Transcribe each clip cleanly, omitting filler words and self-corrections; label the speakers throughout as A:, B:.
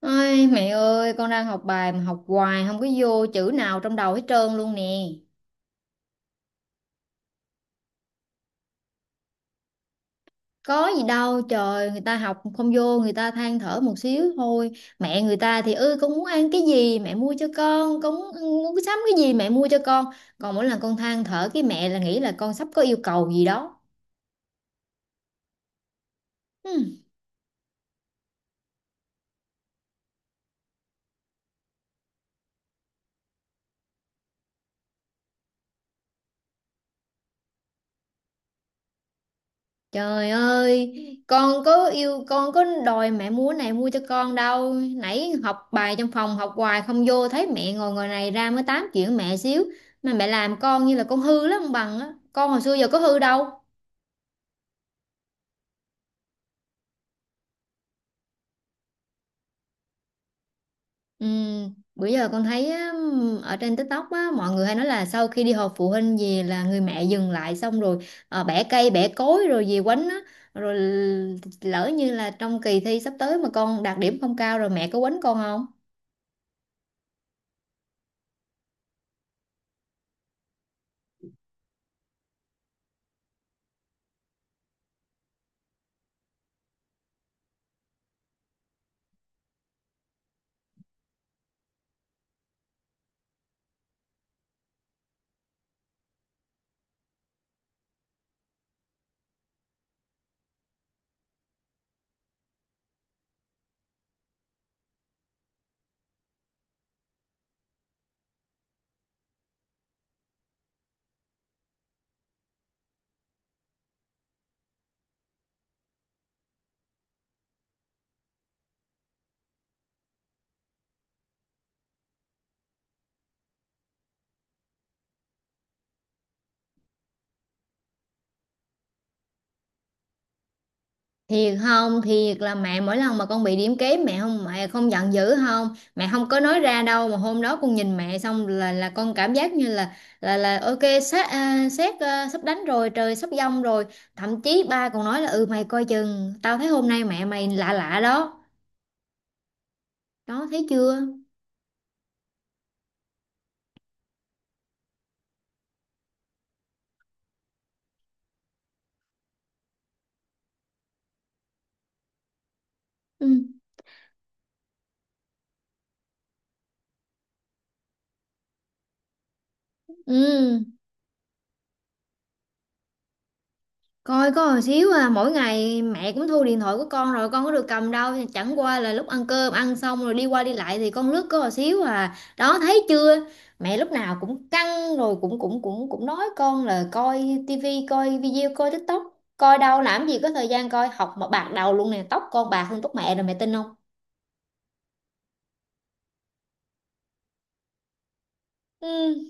A: Ôi, mẹ ơi, con đang học bài mà học hoài không có vô chữ nào trong đầu hết trơn luôn nè. Có gì đâu, trời, người ta học không vô, người ta than thở một xíu thôi. Mẹ người ta thì con muốn ăn cái gì mẹ mua cho con, muốn sắm cái gì mẹ mua cho con. Còn mỗi lần con than thở cái mẹ là nghĩ là con sắp có yêu cầu gì đó. Ừ. Trời ơi, con có đòi mẹ múa này mua cho con đâu. Nãy học bài trong phòng học hoài không vô thấy mẹ ngồi ngồi này ra mới tám chuyện mẹ xíu mà mẹ làm con như là con hư lắm ông bằng á. Con hồi xưa giờ có hư đâu. Ừ, bữa giờ con thấy á, ở trên TikTok á, mọi người hay nói là sau khi đi họp phụ huynh về là người mẹ dừng lại xong rồi bẻ cây bẻ cối rồi về quánh á. Rồi lỡ như là trong kỳ thi sắp tới mà con đạt điểm không cao rồi mẹ có quánh con không? Thiệt không thiệt là mẹ mỗi lần mà con bị điểm kém mẹ không, mẹ không giận dữ không, mẹ không có nói ra đâu, mà hôm đó con nhìn mẹ xong là con cảm giác như là ok, sát à, sát à, sắp đánh rồi, trời sắp giông rồi. Thậm chí ba còn nói là ừ mày coi chừng tao thấy hôm nay mẹ mày lạ lạ đó. Đó thấy chưa? Ừ. Ừ. Coi có hồi xíu à, mỗi ngày mẹ cũng thu điện thoại của con rồi con có được cầm đâu, chẳng qua là lúc ăn cơm ăn xong rồi đi qua đi lại thì con lướt có hồi xíu à. Đó thấy chưa? Mẹ lúc nào cũng căng rồi cũng cũng cũng cũng nói con là coi tivi, coi video, coi TikTok. Coi đâu làm gì có thời gian coi, học mà bạc đầu luôn nè, tóc con bạc hơn tóc mẹ rồi mẹ tin không? Ừ.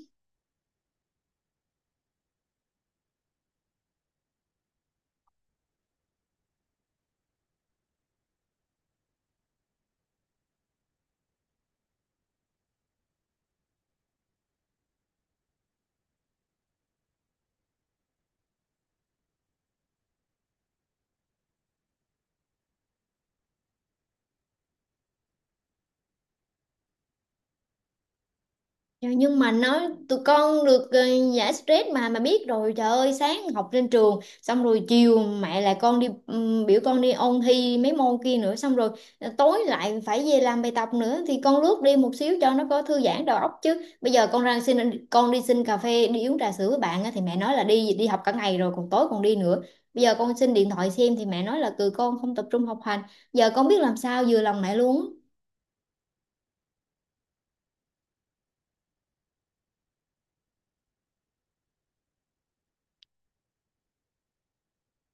A: Trời, nhưng mà nói tụi con được giải stress mà biết rồi, trời ơi sáng học trên trường xong rồi chiều mẹ lại con đi biểu con đi ôn thi mấy môn kia nữa, xong rồi tối lại phải về làm bài tập nữa thì con lướt đi một xíu cho nó có thư giãn đầu óc, chứ bây giờ con ra xin con đi xin cà phê đi uống trà sữa với bạn á, thì mẹ nói là đi đi học cả ngày rồi còn tối còn đi nữa. Bây giờ con xin điện thoại xem thì mẹ nói là từ con không tập trung học hành. Giờ con biết làm sao vừa lòng mẹ luôn á.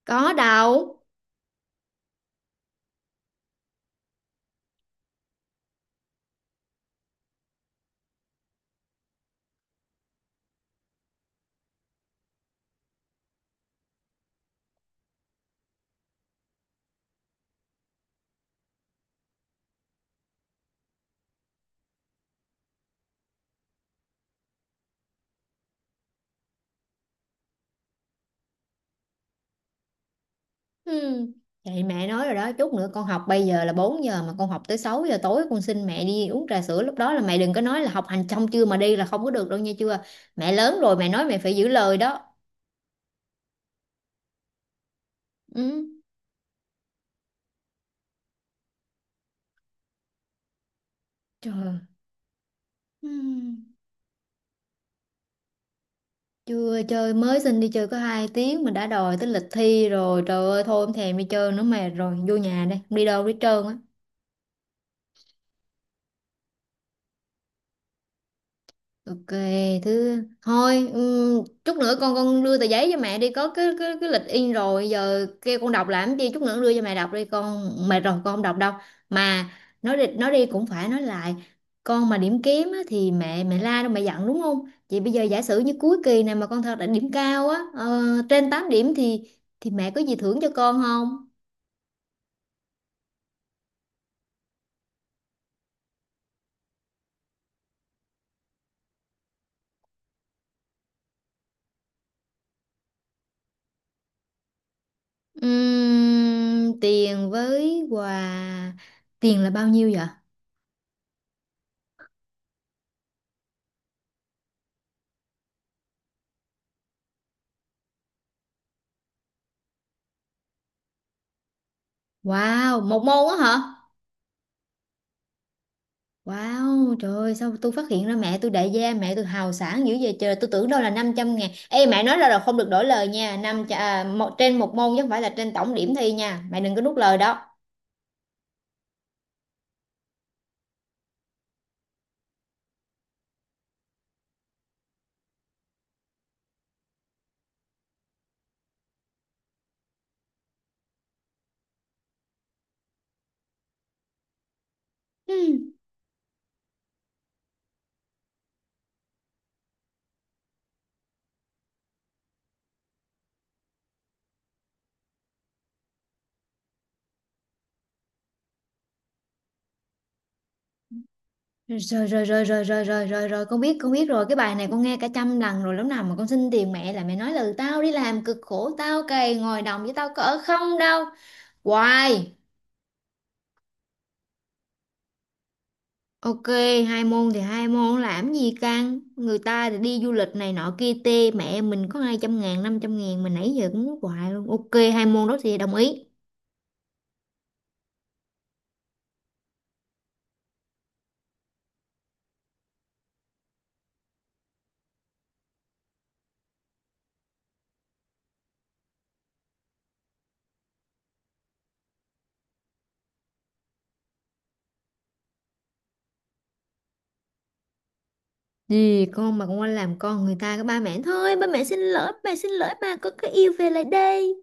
A: Có đâu. Ừ. Vậy mẹ nói rồi đó, chút nữa con học, bây giờ là 4 giờ mà con học tới 6 giờ tối con xin mẹ đi uống trà sữa, lúc đó là mẹ đừng có nói là học hành xong chưa mà đi là không có được đâu nha, chưa. Mẹ lớn rồi mẹ nói mẹ phải giữ lời đó. Ừ. Trời. Ừ. Chưa chơi mới xin đi chơi có 2 tiếng mà đã đòi tới lịch thi rồi. Trời ơi thôi không thèm đi chơi nữa, mệt rồi, vô nhà đây, không đi đâu đi trơn á. Ok, thôi chút nữa con đưa tờ giấy cho mẹ đi, có cái lịch in rồi giờ kêu con đọc làm gì, chút nữa đưa cho mẹ đọc đi, con mệt rồi con không đọc đâu. Mà nói đi cũng phải nói lại, con mà điểm kém á, thì mẹ mẹ la đâu, mẹ giận đúng không? Vậy bây giờ giả sử như cuối kỳ này mà con thật là điểm cao á, ờ, trên 8 điểm thì mẹ có gì thưởng cho con không? Tiền với quà, tiền là bao nhiêu vậy? Wow, một môn á hả? Wow, trời ơi, sao tôi phát hiện ra mẹ tôi đại gia, mẹ tôi hào sảng dữ vậy trời, tôi tưởng đâu là 500.000. Ê, mẹ nói ra là không được đổi lời nha, trên một môn chứ không phải là trên tổng điểm thi nha, mẹ đừng có nuốt lời đó. Hmm. Rồi, rồi, rồi, rồi, rồi, rồi, rồi, rồi, con biết rồi, cái bài này con nghe cả trăm lần rồi, lúc nào mà con xin tiền mẹ là mẹ nói là tao đi làm cực khổ, tao cày ngồi đồng với tao có ở không đâu. Hoài. Ok, hai môn thì hai môn làm gì căng. Người ta thì đi du lịch này nọ kia tê. Mẹ mình có 200.000, 500.000. Mà nãy giờ cũng muốn hoài luôn. Ok, hai môn đó thì đồng ý. Gì con mà con qua làm con người ta cái ba mẹ. Thôi ba mẹ xin lỗi, ba mẹ xin lỗi ba. Con cái yêu về lại đây.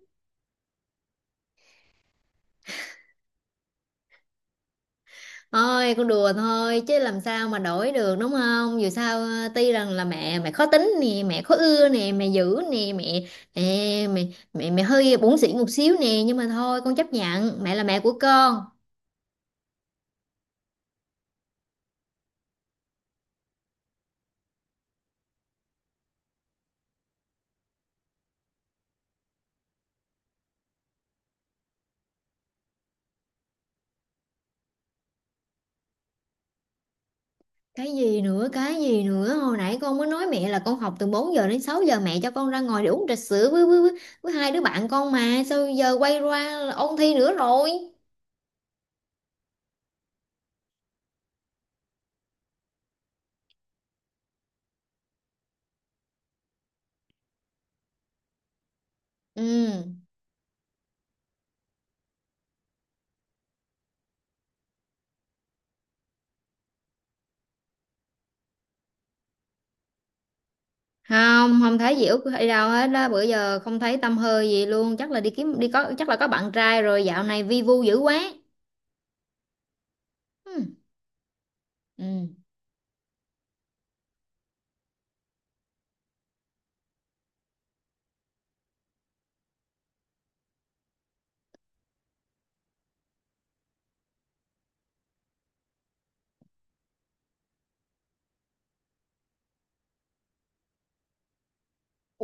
A: Thôi con đùa thôi chứ làm sao mà đổi được, đúng không? Dù sao tuy rằng là mẹ mẹ khó tính nè, mẹ khó ưa nè, mẹ dữ nè, mẹ, ê, mẹ hơi bủn xỉn một xíu nè, nhưng mà thôi con chấp nhận, mẹ là mẹ của con. Cái gì nữa cái gì nữa, hồi nãy con mới nói mẹ là con học từ 4 giờ đến 6 giờ mẹ cho con ra ngoài để uống trà sữa với, với hai đứa bạn con, mà sao giờ quay qua là ôn thi nữa rồi. Ừ, không không thấy gì út hay đâu hết đó, bữa giờ không thấy tâm hơi gì luôn, chắc là đi kiếm đi có, chắc là có bạn trai rồi, dạo này vi vu dữ quá. Ừ. Ừ.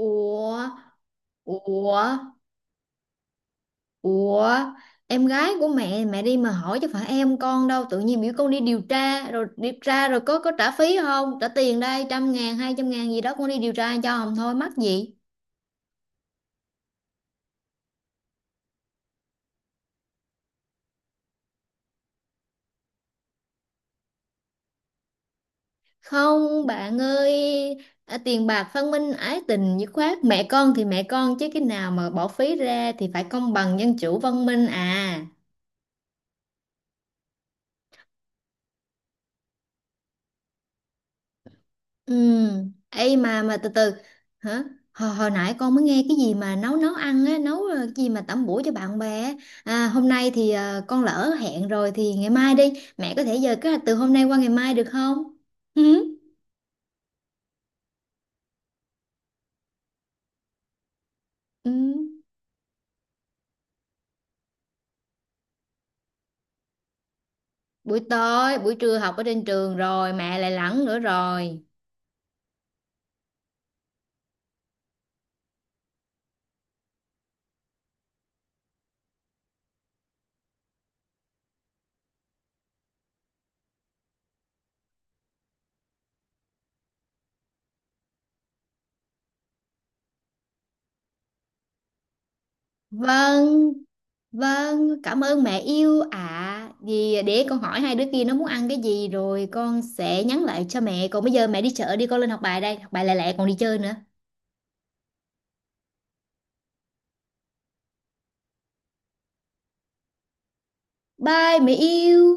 A: Ủa. Ủa. Ủa, em gái của mẹ mẹ đi mà hỏi chứ phải em con đâu, tự nhiên biểu con đi điều tra, rồi điều tra rồi có trả phí không, trả tiền đây, trăm ngàn hai trăm ngàn gì đó, con đi điều tra cho không thôi mắc gì. Không bạn ơi, à, tiền bạc phân minh, ái tình dứt khoát, mẹ con thì mẹ con chứ cái nào mà bỏ phí ra thì phải công bằng dân chủ văn minh à. Ừ, ấy mà từ từ. Hả? Hồi nãy con mới nghe cái gì mà nấu nấu ăn á, nấu cái gì mà tẩm bổ cho bạn bè á. À, hôm nay thì con lỡ hẹn rồi thì ngày mai đi. Mẹ có thể giờ kế hoạch từ hôm nay qua ngày mai được không? Ừ. Ừ. Buổi tối, buổi trưa học ở trên trường rồi, mẹ lại lẳng nữa rồi. Vâng, vâng, cảm ơn mẹ yêu ạ. Vì để con hỏi hai đứa kia nó muốn ăn cái gì rồi con sẽ nhắn lại cho mẹ. Còn bây giờ mẹ đi chợ đi, con lên học bài đây, học bài lẹ lẹ còn đi chơi nữa. Bye mẹ yêu.